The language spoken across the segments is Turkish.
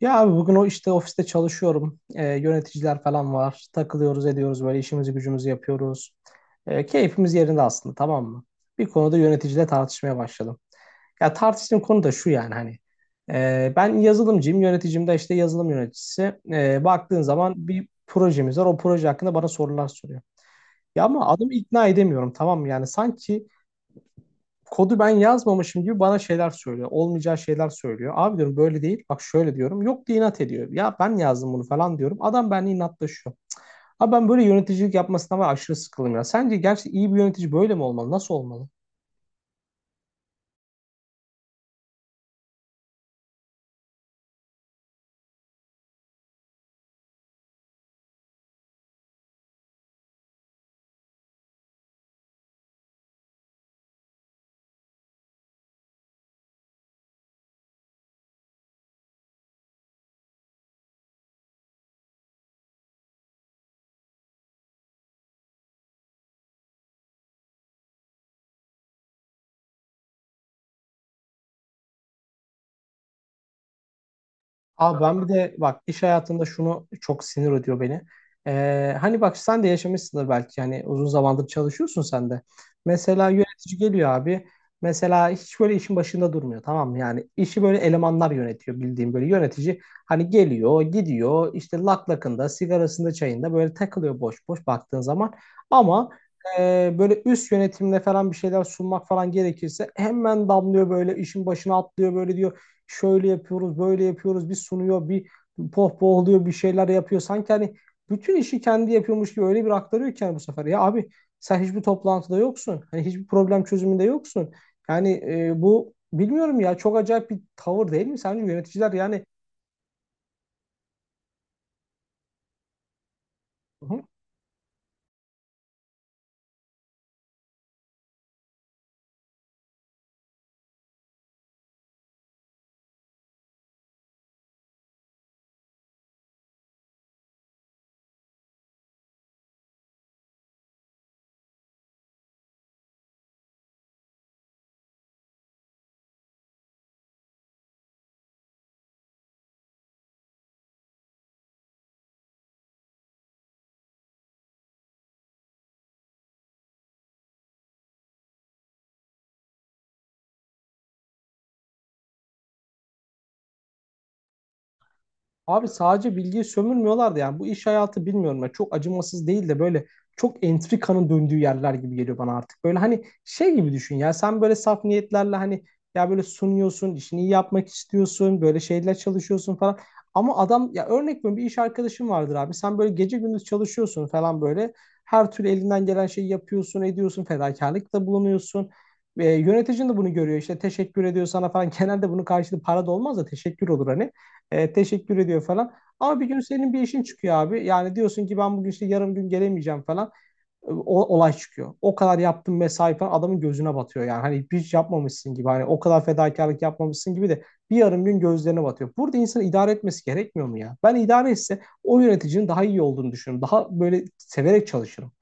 Ya abi bugün o işte ofiste çalışıyorum. Yöneticiler falan var. Takılıyoruz, ediyoruz böyle işimizi gücümüzü yapıyoruz. Keyfimiz yerinde aslında, tamam mı? Bir konuda yöneticiyle tartışmaya başladım. Ya tartıştığım konu da şu, yani hani ben yazılımcıyım, yöneticim de işte yazılım yöneticisi. Baktığın zaman bir projemiz var. O proje hakkında bana sorular soruyor. Ya ama adamı ikna edemiyorum, tamam mı? Yani sanki kodu ben yazmamışım gibi bana şeyler söylüyor. Olmayacağı şeyler söylüyor. Abi diyorum böyle değil. Bak şöyle diyorum. Yok diye inat ediyor. Ya ben yazdım bunu falan diyorum. Adam benimle inatlaşıyor. Abi ben böyle yöneticilik yapmasına var aşırı sıkıldım ya. Sence gerçi iyi bir yönetici böyle mi olmalı? Nasıl olmalı? Abi ben bir de bak iş hayatında şunu çok sinir ediyor beni. Hani bak sen de yaşamışsındır, belki yani uzun zamandır çalışıyorsun sen de. Mesela yönetici geliyor abi. Mesela hiç böyle işin başında durmuyor, tamam mı? Yani işi böyle elemanlar yönetiyor, bildiğim böyle yönetici. Hani geliyor gidiyor, işte lak lakında, sigarasında, çayında böyle takılıyor boş boş baktığın zaman. Ama böyle üst yönetimle falan bir şeyler sunmak falan gerekirse hemen damlıyor, böyle işin başına atlıyor, böyle diyor şöyle yapıyoruz, böyle yapıyoruz, bir sunuyor, bir pohpohluyor, bir şeyler yapıyor. Sanki hani bütün işi kendi yapıyormuş gibi öyle bir aktarıyor ki yani, bu sefer. Ya abi sen hiçbir toplantıda yoksun. Hani hiçbir problem çözümünde yoksun. Yani bu bilmiyorum ya, çok acayip bir tavır değil mi? Sence yöneticiler yani. Hı. Abi sadece bilgiyi sömürmüyorlardı yani, bu iş hayatı bilmiyorum ya, çok acımasız değil de böyle çok entrikanın döndüğü yerler gibi geliyor bana artık. Böyle hani şey gibi düşün ya, sen böyle saf niyetlerle hani ya böyle sunuyorsun, işini iyi yapmak istiyorsun, böyle şeyler çalışıyorsun falan. Ama adam, ya örnek veriyorum, bir iş arkadaşım vardır abi, sen böyle gece gündüz çalışıyorsun falan, böyle her türlü elinden gelen şeyi yapıyorsun, ediyorsun, fedakarlıkta bulunuyorsun. Yöneticin de bunu görüyor, işte teşekkür ediyor sana falan. Genelde bunun karşılığı para da olmaz da teşekkür olur hani. Teşekkür ediyor falan. Ama bir gün senin bir işin çıkıyor abi. Yani diyorsun ki ben bugün işte yarım gün gelemeyeceğim falan. Olay çıkıyor. O kadar yaptın mesai falan, adamın gözüne batıyor yani. Hani hiç yapmamışsın gibi. Hani o kadar fedakarlık yapmamışsın gibi de bir yarım gün gözlerine batıyor. Burada insanı idare etmesi gerekmiyor mu ya? Ben idare etse o yöneticinin daha iyi olduğunu düşünüyorum. Daha böyle severek çalışırım.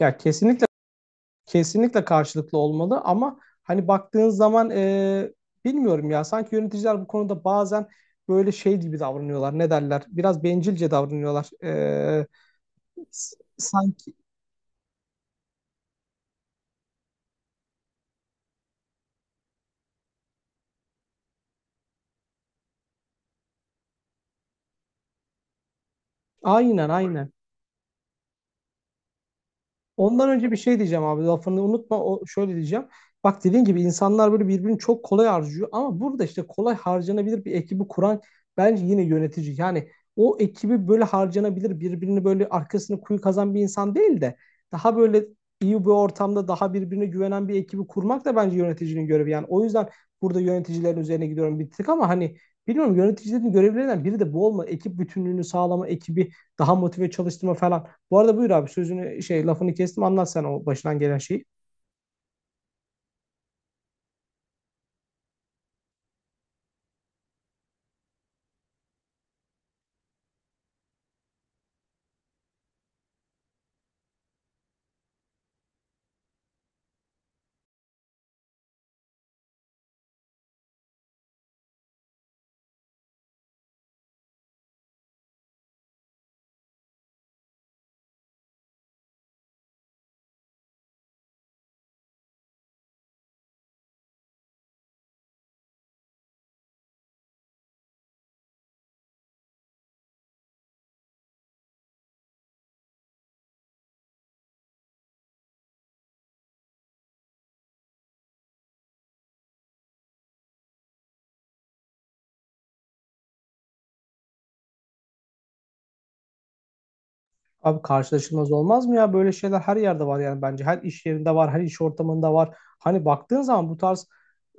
Ya kesinlikle. Kesinlikle karşılıklı olmalı ama hani baktığın zaman bilmiyorum ya, sanki yöneticiler bu konuda bazen böyle şey gibi davranıyorlar. Ne derler? Biraz bencilce davranıyorlar. Sanki aynen, aynen. Ondan önce bir şey diyeceğim abi, lafını unutma, o şöyle diyeceğim. Bak, dediğin gibi insanlar böyle birbirini çok kolay harcıyor, ama burada işte kolay harcanabilir bir ekibi kuran bence yine yönetici. Yani o ekibi böyle harcanabilir, birbirini böyle arkasını kuyu kazan bir insan değil de daha böyle iyi bir ortamda, daha birbirine güvenen bir ekibi kurmak da bence yöneticinin görevi. Yani o yüzden burada yöneticilerin üzerine gidiyorum bir tık, ama hani bilmiyorum, yöneticilerin görevlerinden biri de bu olma. Ekip bütünlüğünü sağlama, ekibi daha motive çalıştırma falan. Bu arada buyur abi, sözünü şey, lafını kestim, anlat sen o başından gelen şeyi. Abi karşılaşılmaz olmaz mı ya? Böyle şeyler her yerde var yani bence. Her iş yerinde var, her iş ortamında var. Hani baktığın zaman bu tarz.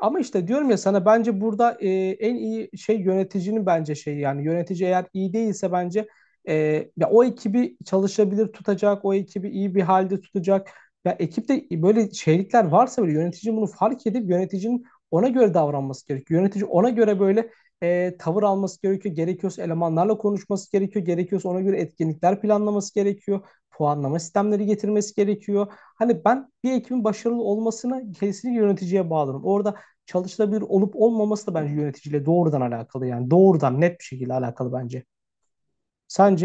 Ama işte diyorum ya sana, bence burada en iyi şey yöneticinin bence şeyi, yani yönetici eğer iyi değilse bence e, ya o ekibi çalışabilir tutacak, o ekibi iyi bir halde tutacak. Ya ekipte böyle şeylikler varsa böyle yönetici bunu fark edip yöneticinin ona göre davranması gerekiyor. Yönetici ona göre böyle tavır alması gerekiyor. Gerekiyorsa elemanlarla konuşması gerekiyor. Gerekiyorsa ona göre etkinlikler planlaması gerekiyor. Puanlama sistemleri getirmesi gerekiyor. Hani ben bir ekibin başarılı olmasını kesinlikle yöneticiye bağlarım. Orada çalışılabilir olup olmaması da bence yöneticiyle doğrudan alakalı. Yani doğrudan net bir şekilde alakalı bence. Sence?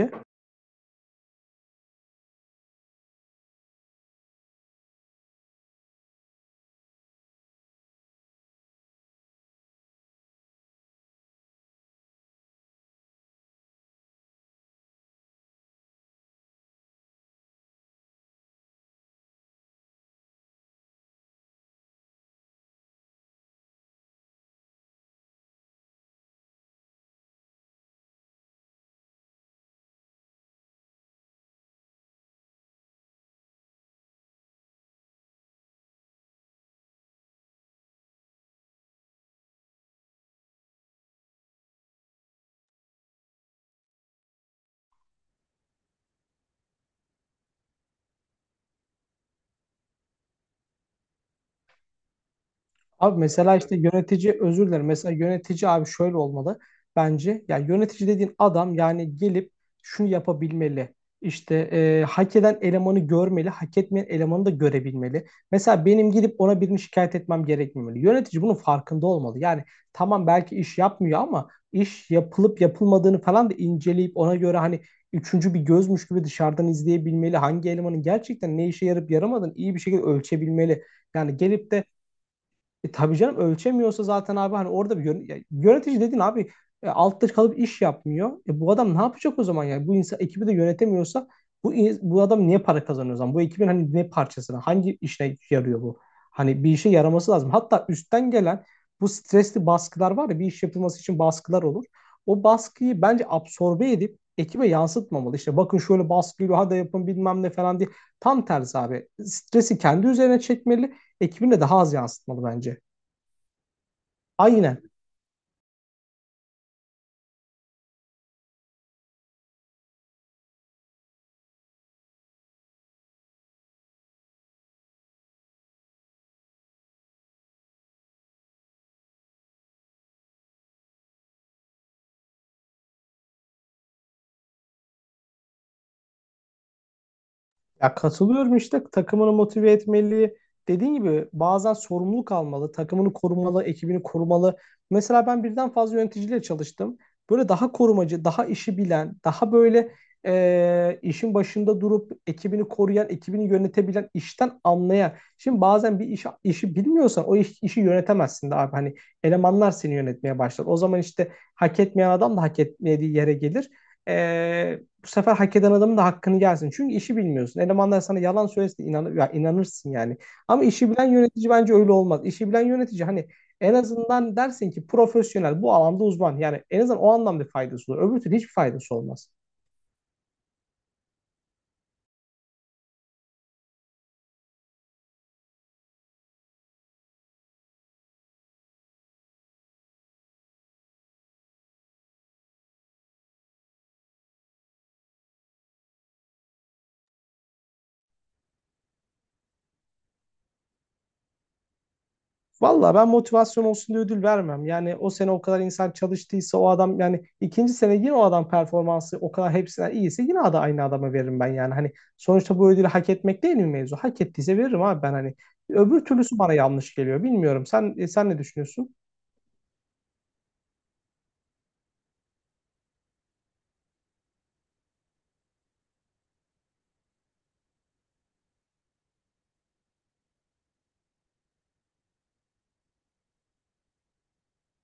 Abi mesela işte yönetici, özür dilerim, mesela yönetici abi şöyle olmalı bence. Yani yönetici dediğin adam, yani gelip şunu yapabilmeli. İşte hak eden elemanı görmeli, hak etmeyen elemanı da görebilmeli. Mesela benim gidip ona birini şikayet etmem gerekmemeli. Yönetici bunun farkında olmalı. Yani tamam, belki iş yapmıyor, ama iş yapılıp yapılmadığını falan da inceleyip ona göre hani üçüncü bir gözmüş gibi dışarıdan izleyebilmeli. Hangi elemanın gerçekten ne işe yarıp yaramadığını iyi bir şekilde ölçebilmeli. Yani gelip de e tabii canım, ölçemiyorsa zaten abi, hani orada bir yönetici dedin abi, altta kalıp iş yapmıyor. E, bu adam ne yapacak o zaman yani? Bu insan ekibi de yönetemiyorsa bu adam niye para kazanıyor o zaman? Bu ekibin hani ne parçasına, hangi işine yarıyor bu? Hani bir işe yaraması lazım. Hatta üstten gelen bu stresli baskılar var ya, bir iş yapılması için baskılar olur. O baskıyı bence absorbe edip ekibe yansıtmamalı. İşte bakın şöyle baskı geliyor, hadi yapın bilmem ne falan diye. Tam tersi abi. Stresi kendi üzerine çekmeli, ekibine daha az yansıtmalı bence. Aynen. Ya katılıyorum, işte takımını motive etmeli. Dediğin gibi bazen sorumluluk almalı, takımını korumalı, ekibini korumalı. Mesela ben birden fazla yöneticiyle çalıştım. Böyle daha korumacı, daha işi bilen, daha böyle işin başında durup ekibini koruyan, ekibini yönetebilen, işten anlayan. Şimdi bazen bir işi bilmiyorsan o işi yönetemezsin de abi. Hani elemanlar seni yönetmeye başlar. O zaman işte hak etmeyen adam da hak etmediği yere gelir. Bu sefer hak eden adamın da hakkını gelsin. Çünkü işi bilmiyorsun. Elemanlar sana yalan söylesin inanır, ya inanırsın yani. Ama işi bilen yönetici bence öyle olmaz. İşi bilen yönetici hani en azından dersin ki profesyonel, bu alanda uzman. Yani en azından o anlamda faydası olur. Öbür türlü hiçbir faydası olmaz. Valla ben motivasyon olsun diye ödül vermem. Yani o sene o kadar insan çalıştıysa o adam, yani ikinci sene yine o adam performansı o kadar hepsinden iyiyse yine aynı adama veririm ben yani. Hani sonuçta bu ödülü hak etmek değil mi mevzu? Hak ettiyse veririm abi ben hani. Öbür türlüsü bana yanlış geliyor. Bilmiyorum. Sen ne düşünüyorsun?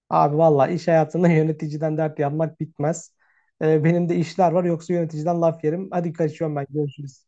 Abi valla iş hayatında yöneticiden dert yanmak bitmez. Benim de işler var, yoksa yöneticiden laf yerim. Hadi kaçıyorum ben. Görüşürüz.